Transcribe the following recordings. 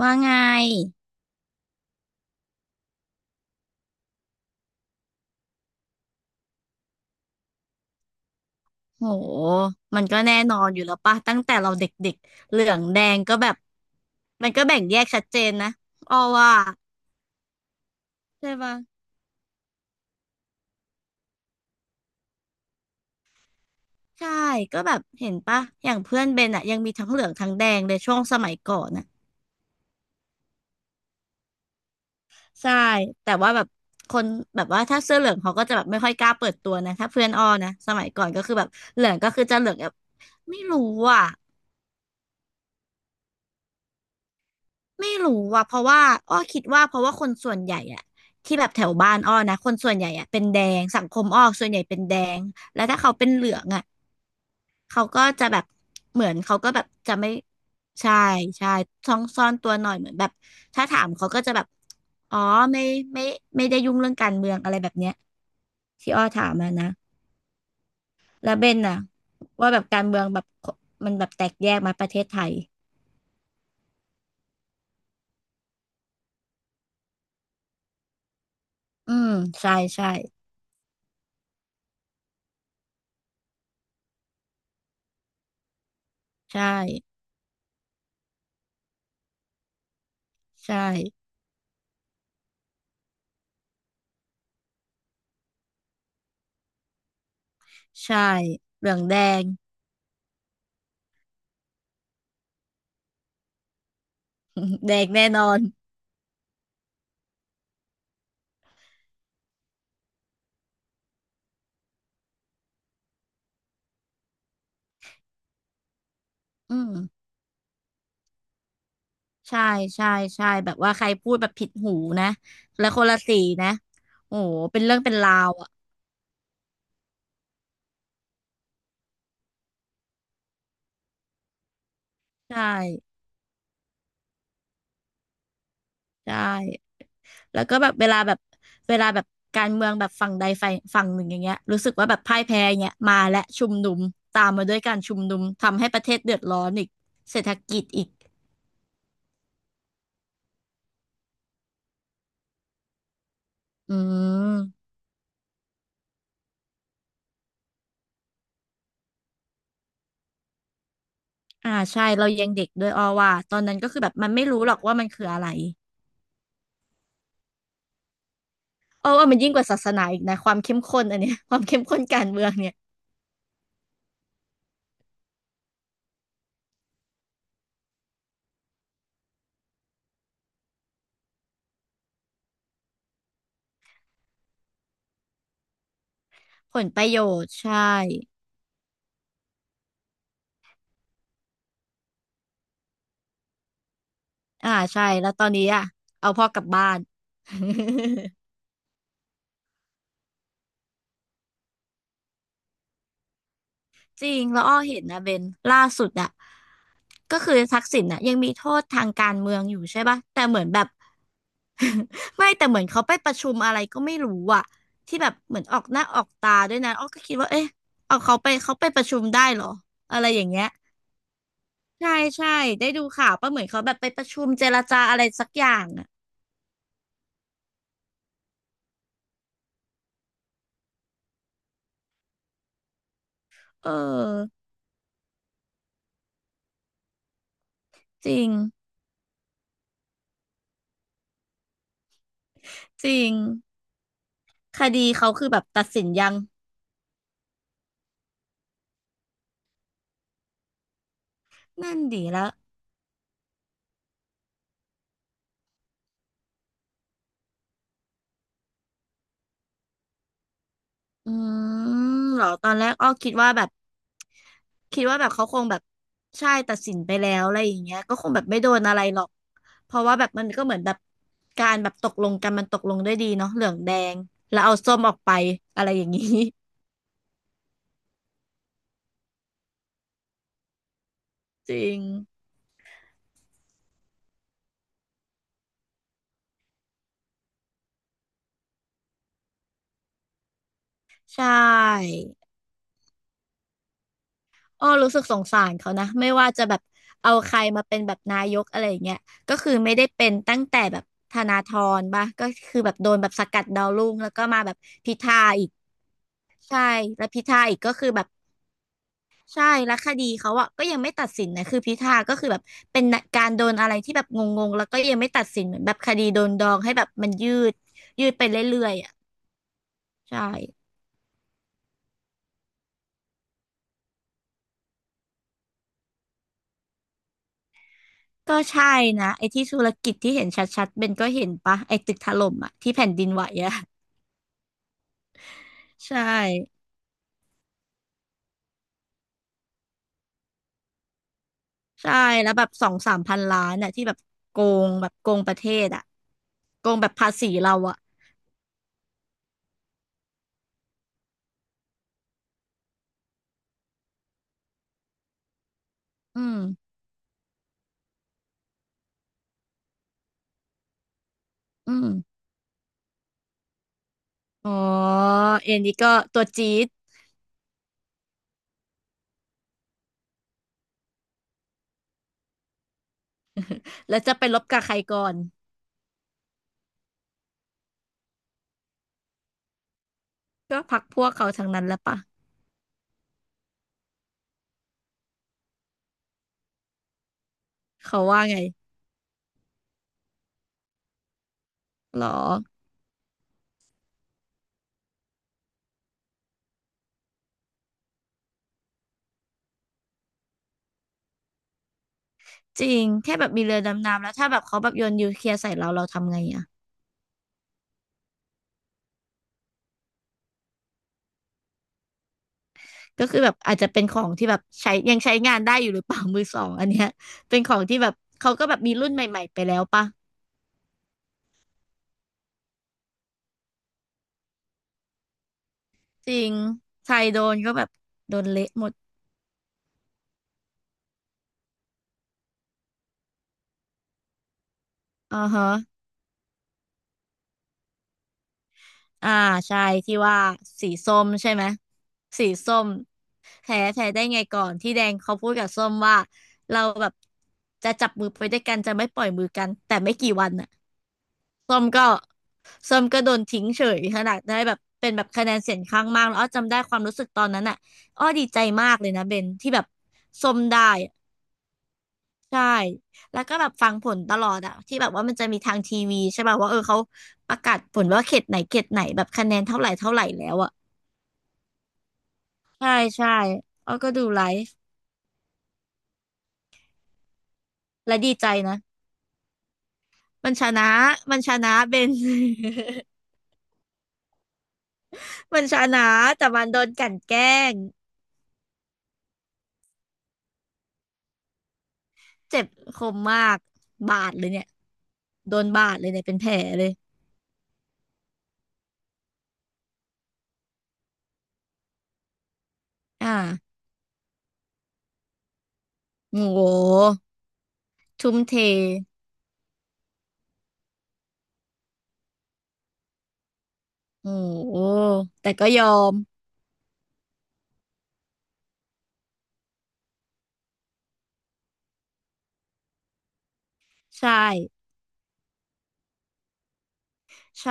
ว่าไง โหมันก็แน่นอนอยู่แล้วป่ะตั้งแต่เราเด็กๆเหลืองแดงก็แบบมันก็แบ่งแยกชัดเจนนะออว่าใช่ปะใช่ ก็แบบเห็นป่ะอย่างเพื่อนเบนอะยังมีทั้งเหลืองทั้งแดงเลยช่วงสมัยก่อนน่ะใช่ แต่ว่าแบบคนแบบว่าถ้าเสื้อเหลืองเขาก็จะแบบไม่ค่อยกล้าเปิดตัวนะถ้าเพื่อนอ้อนะสมัยก่อนก็คือแบบเหลืองก็คือจะเหลืองแบบไม่รู้อ่ะ ไม่รู้ว่ะเพราะว่าอ้อคิดว่าเพราะว่าคนส่วนใหญ่อะที่แบบแถวบ้านอ้อนะคนส่วนใหญ่อะเป็นแดงสังคมอ้อส่วนใหญ่เป็นแดงแล้วถ้าเขาเป็นเหลืองอะเขาก็จะแบบเหมือนเขาก็แบบจะไม่ใช่ใช่ซ่องซ่อนตัวหน่อยเหมือนแบบถ้าถามเขาก็จะแบบอ๋อไม่ไม่ไม่ได้ยุ่งเรื่องการเมืองอะไรแบบเนี้ยที่อ้อถามมานะแล้วเบนน่ะว่าแบบการเมืองแบบมันแบบแตกแยกมาประเทศไทยอืมใช่ใช่ใช่ใช่ ใช่เหลืองแดง แดงแน่นอนอืมใช่ใช่ใช่แบบว่าใครพูดแบบผิดหูนะแล้วคนละสีนะโอ้โหเป็นเรื่องเป็นราวอ่ะใช่ใช่แล้วก็แบบเวลาแบบเวลาแบบการเมืองแบบฝั่งใดฝ่ายฝั่งหนึ่งอย่างเงี้ยรู้สึกว่าแบบพ่ายแพ้อย่างเงี้ยมาและชุมนุมตามมาด้วยการชุมนุมทำให้ประเทศเดือดร้อนอีกเศรษฐกิจอีกอืมอ่าใช่เรายังเด็กด้วยอ้อว่าตอนนั้นก็คือแบบมันไม่รู้หรอกว่ามันคืออะไร เออว่ามันยิ่งกว่าศาสนาอีกนะความเข้มข้นอันเนี้ย ความเข้มข้นการเมืองเนี่ยผลประโยชน์ใช่อ่าใช่แล้วตอนนี้อ่ะเอาพ่อกลับบ้าน จริงแล้วอ้อเห็นนะเบนล่าสุดอ่ะก็คือทักษิณน่ะยังมีโทษทางการเมืองอยู่ใช่ปะแต่เหมือนแบบ ไม่แต่เหมือนเขาไปประชุมอะไรก็ไม่รู้อ่ะที่แบบเหมือนออกหน้าออกตาด้วยนะอ้อก็คิดว่าเอ๊ะเอาเขาไปเขาไปประชุมได้เหรออะไรอย่างเงี้ย ใช่ใช่ได้ดูข่าวป่ะเหมือนเขาแบบไปประชุมเจรจาอะไรสักอย่างอ่ะเออจริงจริงคดีเขาคือแบบตัดสินยังนั่นดีแล้วอืมเหรอตอนแรกอ้อคิดว่าแบบคิดว่าแบบเขาคงแบบใช่ตัดสินไปแล้วอะไรอย่างเงี้ยก็คงแบบไม่โดนอะไรหรอกเพราะว่าแบบมันก็เหมือนแบบการแบบตกลงกันมันตกลงด้วยดีเนาะเหลืองแดงแล้วเอาส้มออกไปอะไรอย่างงี้ จริงใช่ อ้อรู้สึกสงสารเขานะไม่ว่าจะแบบเอาใครมาเป็นแบบนายกอะไรอย่างเงี้ยก็คือไม่ได้เป็นตั้งแต่แบบธนาธรปะก็คือแบบโดนแบบสกัดดาวรุ่งแล้วก็มาแบบพิธาอีกใช่แล้วพิธาอีกก็คือแบบใช่แล้วคดีเขาอะก็ยังไม่ตัดสินนะคือพิธาก็คือแบบเป็นการโดนอะไรที่แบบงงๆแล้วก็ยังไม่ตัดสินเหมือนแบบคดีโดนดองให้แบบมันยืดยืดไปเรื่อยๆอะใช่ก็ใช่นะไอ้ที่ธุรกิจที่เห็นชัดๆเบนก็เห็นปะไอ้ตึกถล่มอะที่แผ่นดินไหวอะ ใช่ใช่แล้วแบบสองสามพันล้านน่ะที่แบบโกงแบบโกงประเทศอ่ะโกงแบบภาษีเราอ่ะอืมอืมอ๋อเอ็นนี่ก็ตัวจี๊ดแล้วจะไปลบกับใครก่อนก็พรรคพวกเขาทั้งนั้นแหล้วปะเขาว่าไงหรอจริงแค่แบบมีเรือดำน้ำแล้วถ้าแบบเขาแบบโยนนิวเคลียร์ใส่เราเราทำไงอ่ะก็คือแบบอาจจะเป็นของที่แบบใช้ยังใช้งานได้อยู่หรือเปล่ามือสองอันเนี้ยเป็นของที่แบบเขาก็แบบมีรุ่นใหม่ๆไปแล้วปะ จริงใครโดนก็แบบโดนเละหมดอ่าฮะอ่าใช่ที่ว่าสีส้มใช่ไหม สีส้มแพ้แพ้ได้ไงก่อนที่แดงเขาพูดกับส้มว่าเราแบบจะจับมือไปด้วยกันจะไม่ปล่อยมือกันแต่ไม่กี่วันน่ะส้มก็ส้มก็โดนทิ้งเฉยขนาดได้แบบเป็นแบบคะแนนเสียงข้างมากแล้วอ้อจำได้ความรู้สึกตอนนั้นอ่ะอ้อดีใจมากเลยนะเบนที่แบบส้มได้ ใช่แล้วก็แบบฟังผลตลอดอะที่แบบว่ามันจะมีทางทีวีใช่ป่ะว่าเออเขาประกาศผลว่าเขตไหนเขตไหนแบบคะแนนเท่าไหร่เท่าไหร่แล้วอะใช่ใช่อ้อก็ดูไลฟ์และดีใจนะมันชนะมันชนะเบน มันชนะแต่มันโดนกลั่นแกล้งเจ็บคมมากบาดเลยเนี่ยโดนบาดเลยเนี่ยเป็นแผลเลยอ่าโอ้โหทุ่มเทโอ้โหแต่ก็ยอมใช่ใช่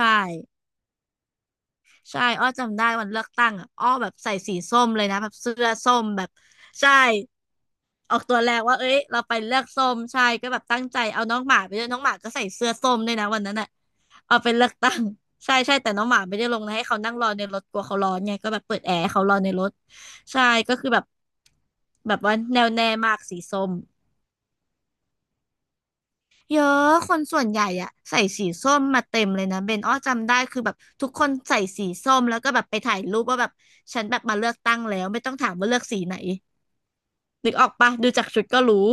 ใช่อ้อจำได้วันเลือกตั้งอะอ้อแบบใส่สีส้มเลยนะแบบเสื้อส้มแบบใช่ออกตัวแรงว่าเอ้ยเราไปเลือกส้มใช่ก็แบบตั้งใจเอาน้องหมาไปด้วยน้องหมาก็ใส่เสื้อส้มด้วยนะวันนั้นอะเอาไปเลือกตั้งใช่ใช่แต่น้องหมาไม่ได้ลงนะให้เขานั่งรอในรถกลัวเขาร้อนไงก็แบบเปิดแอร์ให้เขารอในรถใช่ก็คือแบบแบบว่าแนวแน่มากสีส้ม เยอะคนส่วนใหญ่อะใส่สีส้มมาเต็มเลยนะเบนอ้อจำได้คือแบบทุกคนใส่สีส้มแล้วก็แบบไปถ่ายรูปว่าแบบฉันแบบมาเลือกตั้งแล้วไม่ต้องถามว่าเลือกสีไหนนึกออกปะดูจากชุดก็รู้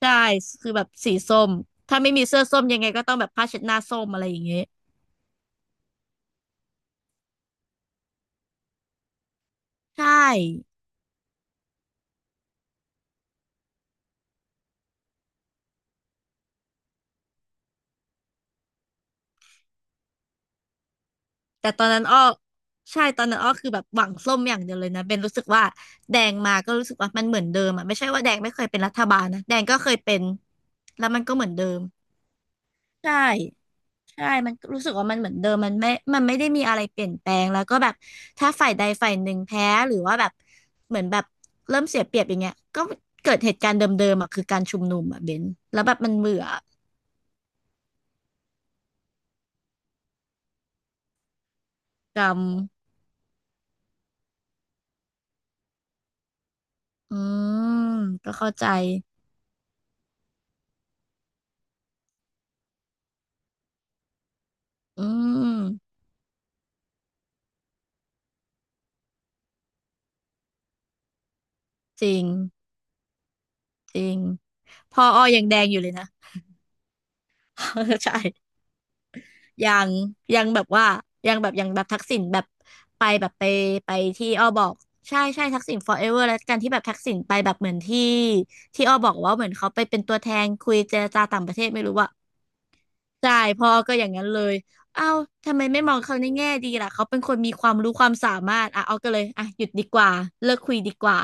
ใช่คือแบบสีส้มถ้าไม่มีเสื้อส้มยังไงก็ต้องแบบผ้าเช็ดหน้าส้มอะไรอย่างเงี้ยใช่แต่ตอนนั้นอ้อใช่ตอนนั้นอ้อคือแบบหวังส้มอย่างเดียวเลยนะเบนรู้สึกว่าแดงมาก็รู้สึกว่ามันเหมือนเดิมอะไม่ใช่ว่าแดงไม่เคยเป็นรัฐบาลนะแดงก็เคยเป็นแล้วมันก็เหมือนเดิม ใช่ใช่มันรู้สึกว่ามันเหมือนเดิมมันไม่ได้มีอะไรเปลี่ยนแปลงแล้วก็แบบถ้าฝ่ายใดฝ่ายหนึ่งแพ้หรือว่าแบบเหมือนแบบเริ่มเสียเปรียบอย่างเงี้ยก็เกิดเหตุการณ์เดิมๆอ่ะคือการชุมนุมอ่ะเบนแล้วแบบมันเบื่อกำอืมก็เข้าใจอืมจริงจริงพอออยังแดงอยู่เลยนะ ใช่ ยังยังแบบว่ายังแบบยังแบบทักษิณแบบไปแบบไปไปที่อ้อบอกใช่ใช่ทักษิณ forever แล้วกันที่แบบทักษิณไปแบบเหมือนที่ที่อ้อบอกว่าเหมือนเขาไปเป็นตัวแทนคุยเจรจาต่างประเทศไม่รู้ว่ะใช่พ่อก็อย่างนั้นเลยเอ้าทำไมไม่มองเขาในแง่ดีล่ะเขาเป็นคนมีความรู้ความสามารถอ่ะเอาก็เลยอ่ะหยุดดีกว่าเลิกคุยดีกว่า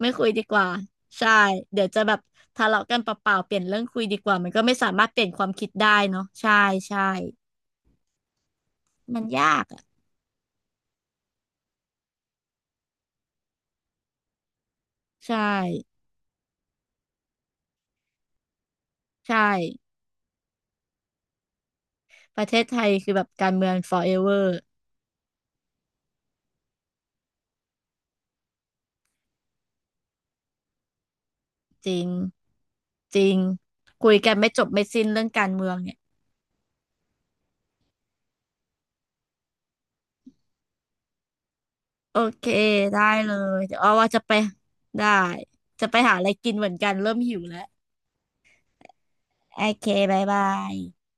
ไม่คุยดีกว่าใช่เดี๋ยวจะแบบทะเลาะกันเปล่าๆเปลี่ยนเรื่องคุยดีกว่ามันก็ไม่สามารถเปลี่ยนความคิดได้เนาะใช่ใช่มันยากอะ ใช่ใช่ประเทศไทยคือแบบการเมือง forever จริงจริงคุยกันไม่จบไม่สิ้นเรื่องการเมืองเนี่ยโอเคได้เลยเดี๋ยวอ้อว่าจะไปได้จะไปหาอะไรกินเหมือนกันเริ่มหิวแล้วโอเคบ๊ายบาย